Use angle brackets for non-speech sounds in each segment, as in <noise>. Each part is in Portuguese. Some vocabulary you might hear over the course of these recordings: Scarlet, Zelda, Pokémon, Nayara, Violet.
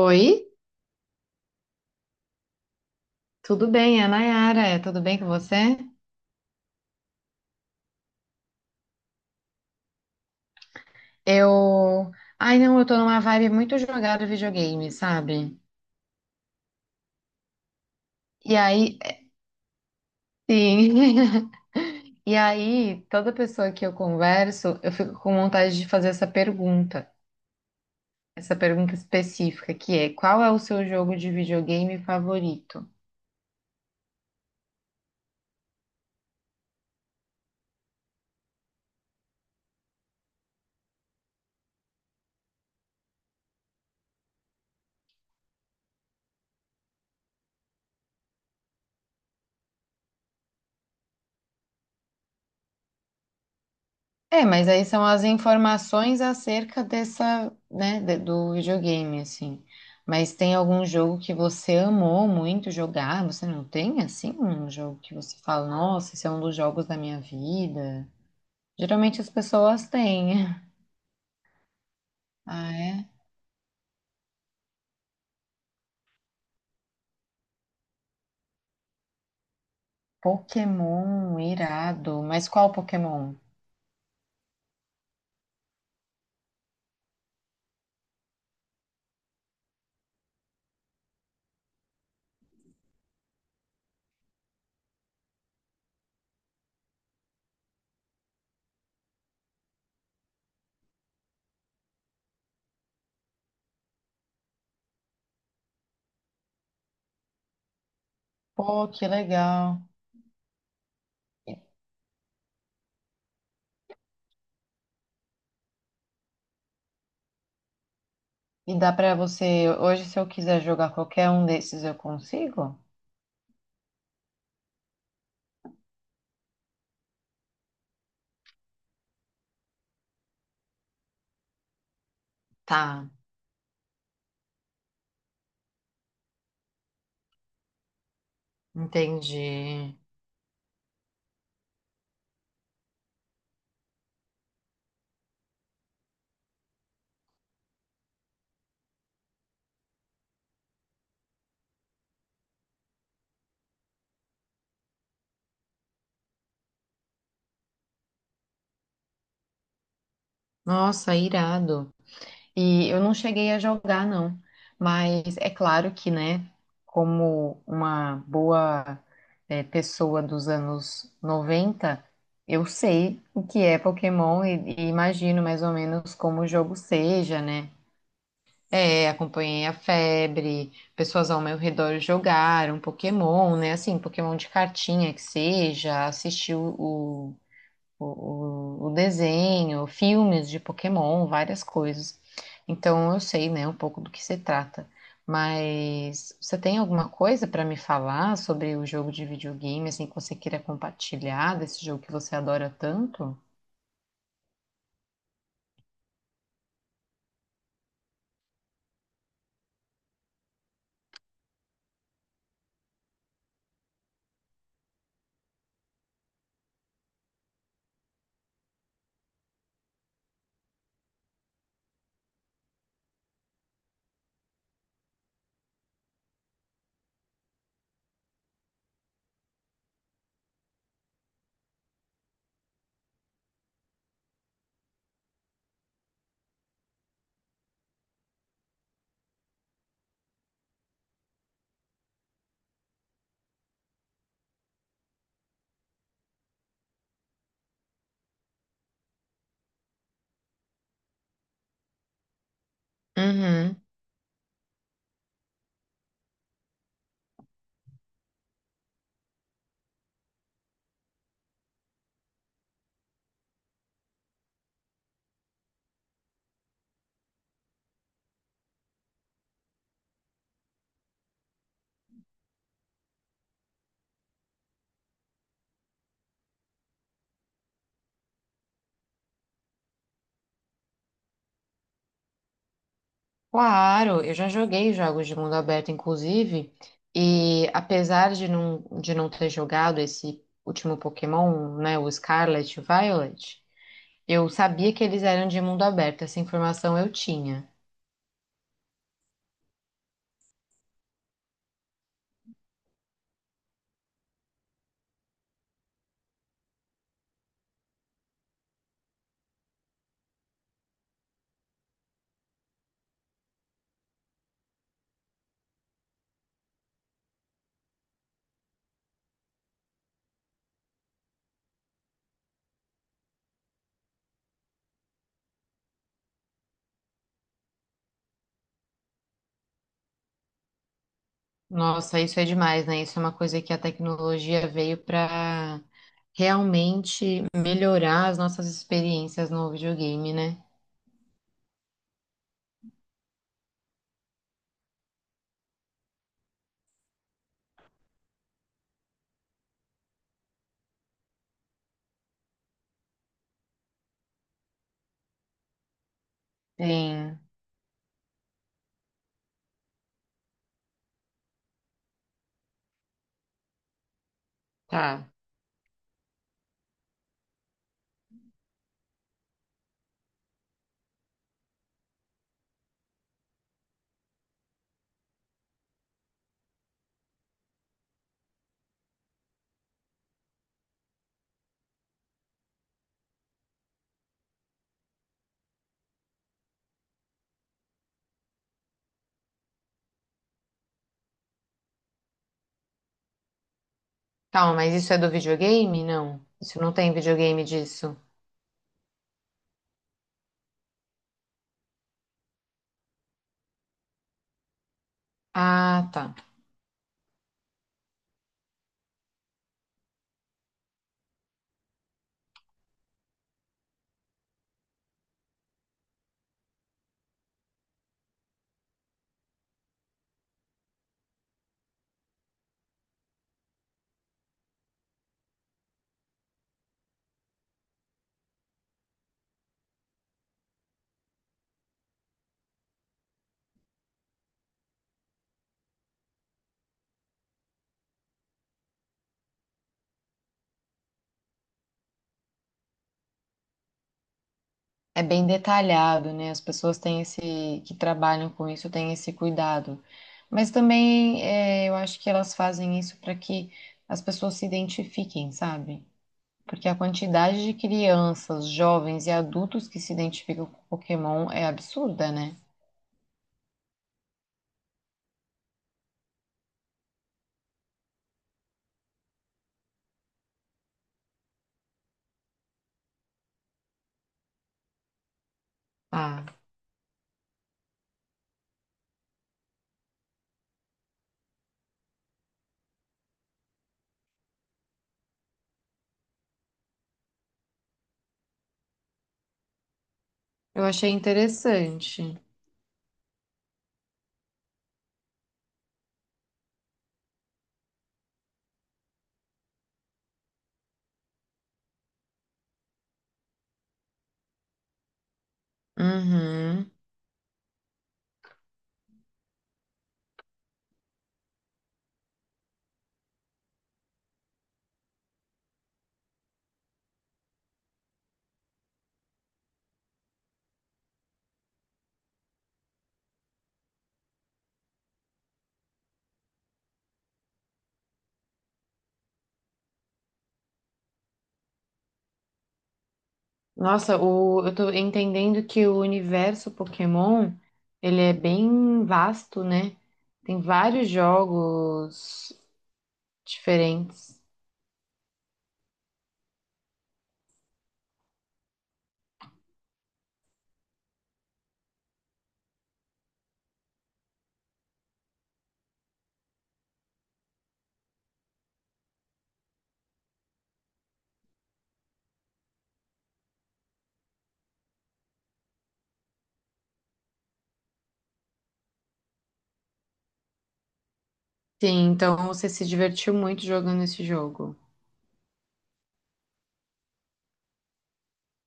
Oi, tudo bem? É a Nayara, tudo bem com você? Eu. Ai, não, eu tô numa vibe muito jogada videogame, sabe? E aí, sim. <laughs> E aí, toda pessoa que eu converso, eu fico com vontade de fazer essa pergunta específica, que é: qual é o seu jogo de videogame favorito? É, mas aí são as informações acerca dessa, né, do videogame, assim. Mas tem algum jogo que você amou muito jogar? Você não tem, assim, um jogo que você fala, nossa, esse é um dos jogos da minha vida? Geralmente as pessoas têm. <laughs> Ah, é? Pokémon, irado. Mas qual Pokémon? Pô, que legal. E dá pra você, hoje, se eu quiser jogar qualquer um desses, eu consigo? Tá, entendi. Nossa, irado. E eu não cheguei a jogar, não. Mas é claro que, né, como uma boa, pessoa dos anos noventa, eu sei o que é Pokémon e imagino mais ou menos como o jogo seja, né? É, acompanhei a febre, pessoas ao meu redor jogaram Pokémon, né? Assim, Pokémon de cartinha que seja, assisti o desenho, filmes de Pokémon, várias coisas. Então eu sei, né, um pouco do que se trata. Mas você tem alguma coisa para me falar sobre o jogo de videogame, assim, que você queira compartilhar desse jogo que você adora tanto? Uhum. Claro, eu já joguei jogos de mundo aberto, inclusive, e apesar de não ter jogado esse último Pokémon, né, o Scarlet e o Violet. Eu sabia que eles eram de mundo aberto, essa informação eu tinha. Nossa, isso é demais, né? Isso é uma coisa que a tecnologia veio para realmente melhorar as nossas experiências no videogame, né? Sim, tá. Calma, mas isso é do videogame? Não. Isso não tem videogame disso. Ah, tá. É bem detalhado, né? As pessoas têm esse, que trabalham com isso, têm esse cuidado. Mas também é, eu acho que elas fazem isso para que as pessoas se identifiquem, sabe? Porque a quantidade de crianças, jovens e adultos que se identificam com Pokémon é absurda, né? Ah, eu achei interessante. Uhum. Nossa, o, eu tô entendendo que o universo Pokémon, ele é bem vasto, né? Tem vários jogos diferentes. Sim, então você se divertiu muito jogando esse jogo.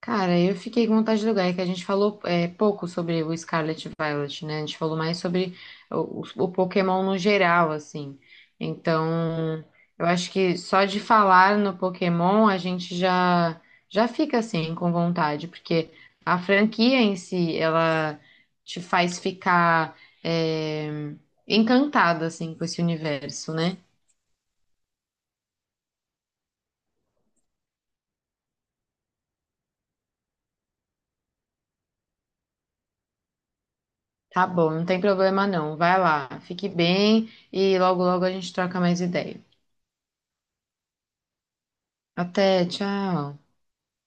Cara, eu fiquei com vontade de jogar, é que a gente falou pouco sobre o Scarlet e Violet, né? A gente falou mais sobre o Pokémon no geral, assim. Então, eu acho que só de falar no Pokémon a gente já já fica assim com vontade, porque a franquia em si, ela te faz ficar é, encantada assim com esse universo, né? Tá bom, não tem problema não. Vai lá, fique bem e logo logo a gente troca mais ideia. Até, tchau.